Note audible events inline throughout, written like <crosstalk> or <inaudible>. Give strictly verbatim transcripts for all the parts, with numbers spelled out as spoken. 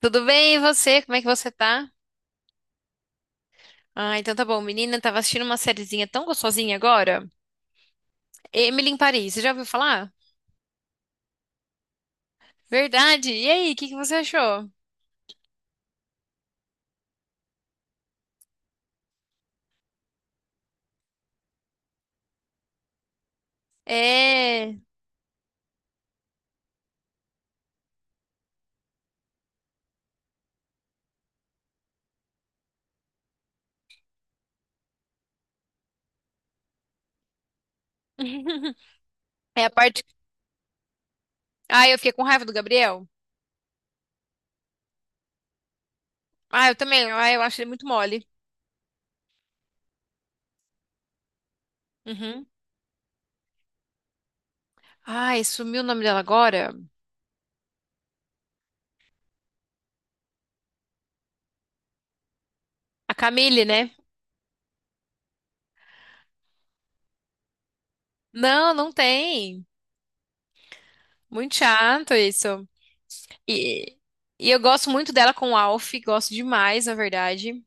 Tudo bem, e você? Como é que você tá? Ah, então tá bom. Menina, tava assistindo uma sériezinha tão gostosinha agora. Emily em Paris, você já ouviu falar? Verdade. E aí, o que que você achou? É. <laughs> É a parte. Ah, eu fiquei com raiva do Gabriel. Ah, eu também. Ah, eu acho ele muito mole. Uhum. Ai, sumiu o nome dela agora? A Camille, né? Não, não tem. Muito chato isso. E, e eu gosto muito dela com o Alf, gosto demais, na verdade.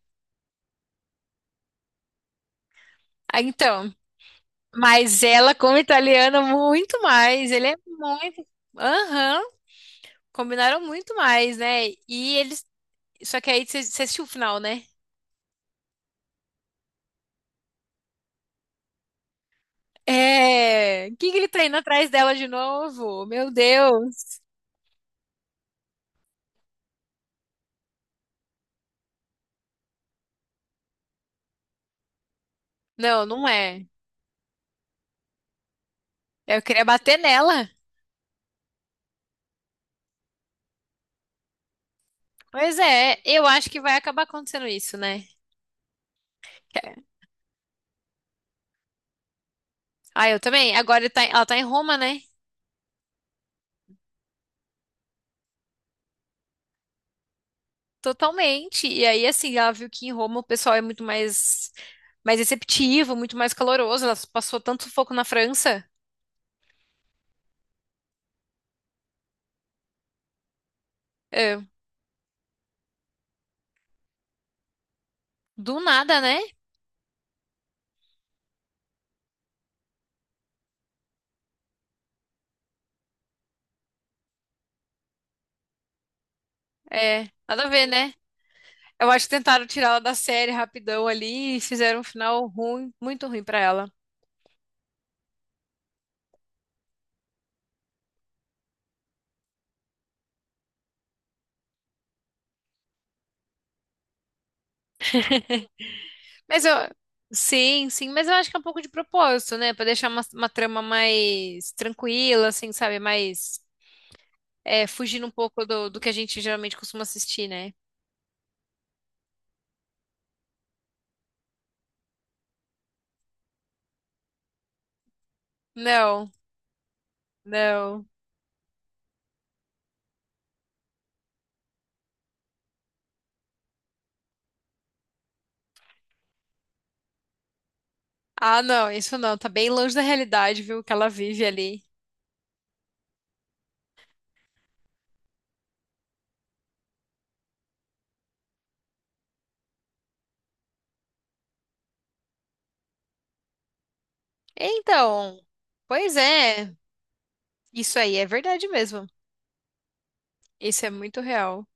Ah, então, mas ela, como italiana, muito mais. Ele é muito. Aham, combinaram muito mais, né? E eles. Só que aí você você assistiu o final, né? É. O que que ele tá indo atrás dela de novo? Meu Deus. Não, não é. Eu queria bater nela. Pois é, eu acho que vai acabar acontecendo isso, né? É. Ah, eu também. Agora ele tá em- ela tá em Roma, né? Totalmente. E aí, assim, ela viu que em Roma o pessoal é muito mais, mais receptivo, muito mais caloroso. Ela passou tanto sufoco na França. É, do nada, né? É, nada a ver, né? Eu acho que tentaram tirar ela da série rapidão ali e fizeram um final ruim, muito ruim pra ela. Mas eu, sim, sim, mas eu acho que é um pouco de propósito, né? Pra deixar uma, uma trama mais tranquila, assim, sabe? Mais, é, fugindo um pouco do, do que a gente geralmente costuma assistir, né? Não, não. Ah, não, isso não. Tá bem longe da realidade, viu? Que ela vive ali. Então, pois é. Isso aí é verdade mesmo. Isso é muito real.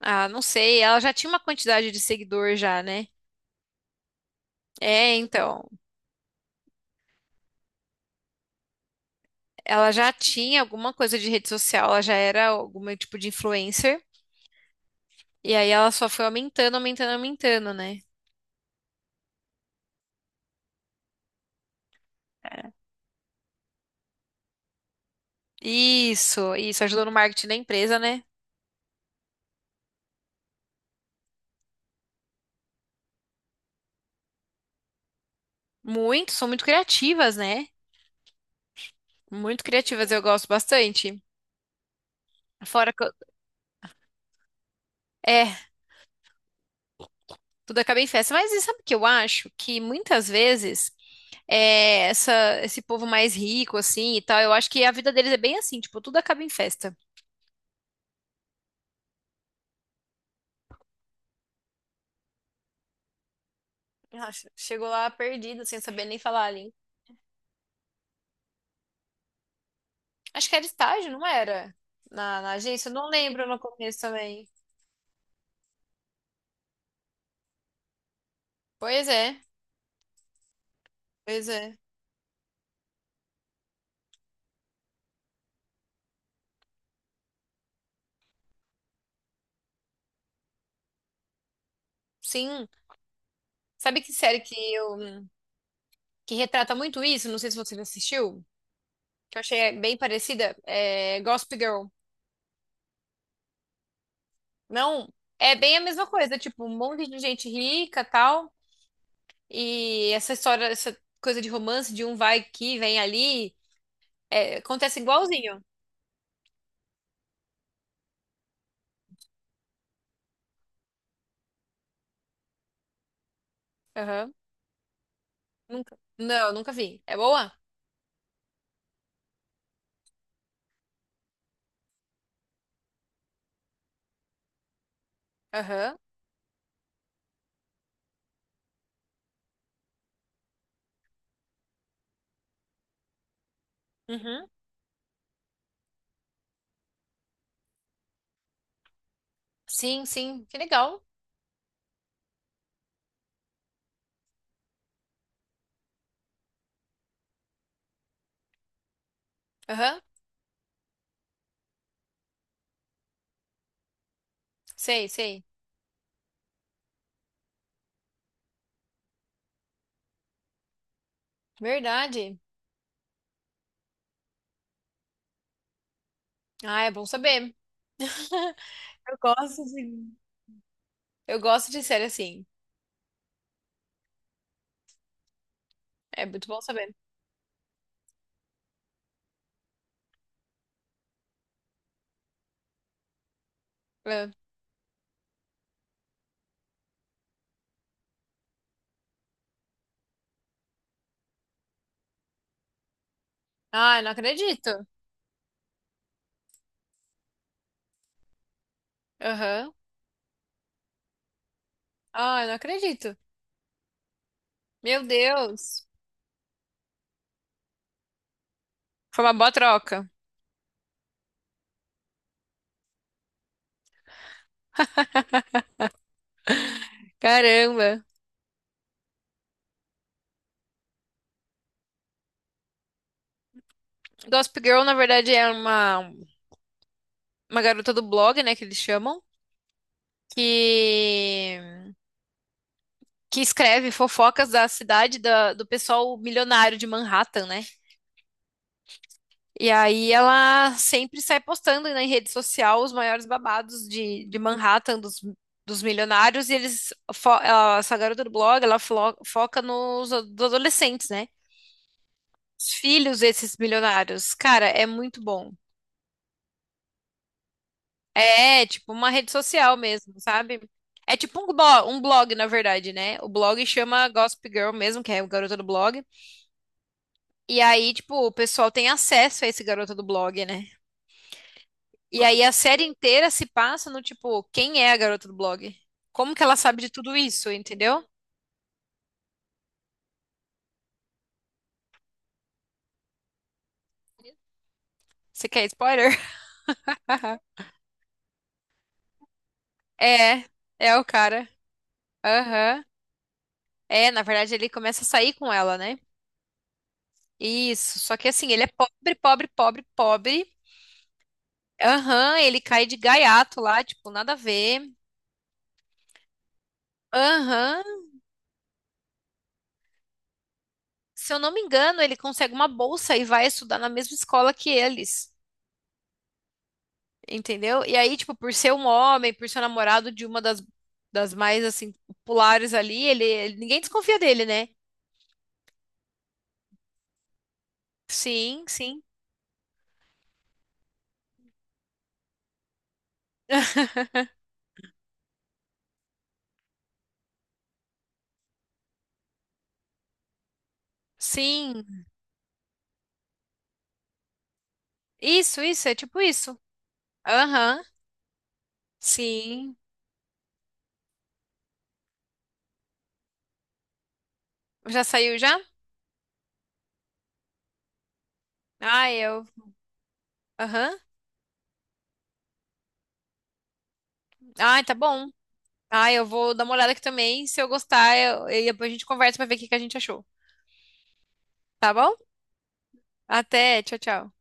Ah, não sei, ela já tinha uma quantidade de seguidor já, né? É, então, ela já tinha alguma coisa de rede social, ela já era algum tipo de influencer, e aí ela só foi aumentando, aumentando, aumentando, né? Isso, isso ajudou no marketing da empresa, né? Muito, são muito criativas, né? Muito criativas, eu gosto bastante. Fora que eu- é, tudo acaba em festa, mas e sabe o que eu acho? Que muitas vezes é, essa, esse povo mais rico, assim, e tal, eu acho que a vida deles é bem assim, tipo, tudo acaba em festa. Nossa, chegou lá perdida, sem saber nem falar ali. Acho que era estágio, não era? Na, na agência, eu não lembro no começo também. Pois é, pois é. Sim. Sabe que série que eu que retrata muito isso? Não sei se você já assistiu, que eu achei bem parecida. É Gossip Girl. Não, é bem a mesma coisa, tipo, um monte de gente rica, tal, e essa história, essa coisa de romance de um vai aqui, vem ali, é, acontece igualzinho. Aham. Nunca. Não, nunca vi. É boa? Aham. Uhum. Sim, sim, que legal. Aham, sei, sei. Verdade. Ah, é bom saber. <laughs> Eu gosto de, eu gosto de série assim. É muito bom saber. É. Ah, eu não acredito. Aham. Ah, eu não acredito. Meu Deus. Foi uma boa troca. Caramba. Gossip Girl, na verdade, é uma, uma garota do blog, né, que eles chamam, que, que escreve fofocas da cidade da, do pessoal milionário de Manhattan, né? E aí ela sempre sai postando na rede social os maiores babados de, de Manhattan, dos, dos milionários, e eles, fo- ela- essa garota do blog, ela flo- foca nos a- dos adolescentes, né? Os filhos desses milionários. Cara, é muito bom. É, tipo uma rede social mesmo, sabe? É tipo um blog, um blog, na verdade, né? O blog chama Gossip Girl mesmo, que é o garota do blog. E aí, tipo, o pessoal tem acesso a esse garota do blog, né? E aí a série inteira se passa no tipo, quem é a garota do blog? Como que ela sabe de tudo isso, entendeu? Você quer spoiler? <laughs> Haha. É, é o cara. Aham. É, na verdade ele começa a sair com ela, né? Isso, só que assim, ele é pobre, pobre, pobre, pobre. Aham, ele cai de gaiato lá, tipo, nada a ver. Aham. Se eu não me engano, ele consegue uma bolsa e vai estudar na mesma escola que eles. Entendeu? E aí, tipo, por ser um homem, por ser namorado de uma das, das mais, assim, populares ali, ele, ele- ninguém desconfia dele, né? Sim, sim, sim. Isso, isso, é tipo isso. Aham, sim. Já saiu já? Ah, eu. Aham. Ah, tá bom. Ah, eu vou dar uma olhada aqui também. Se eu gostar, eu, e depois a gente conversa pra ver o que que a gente achou. Tá bom? Até, tchau, tchau.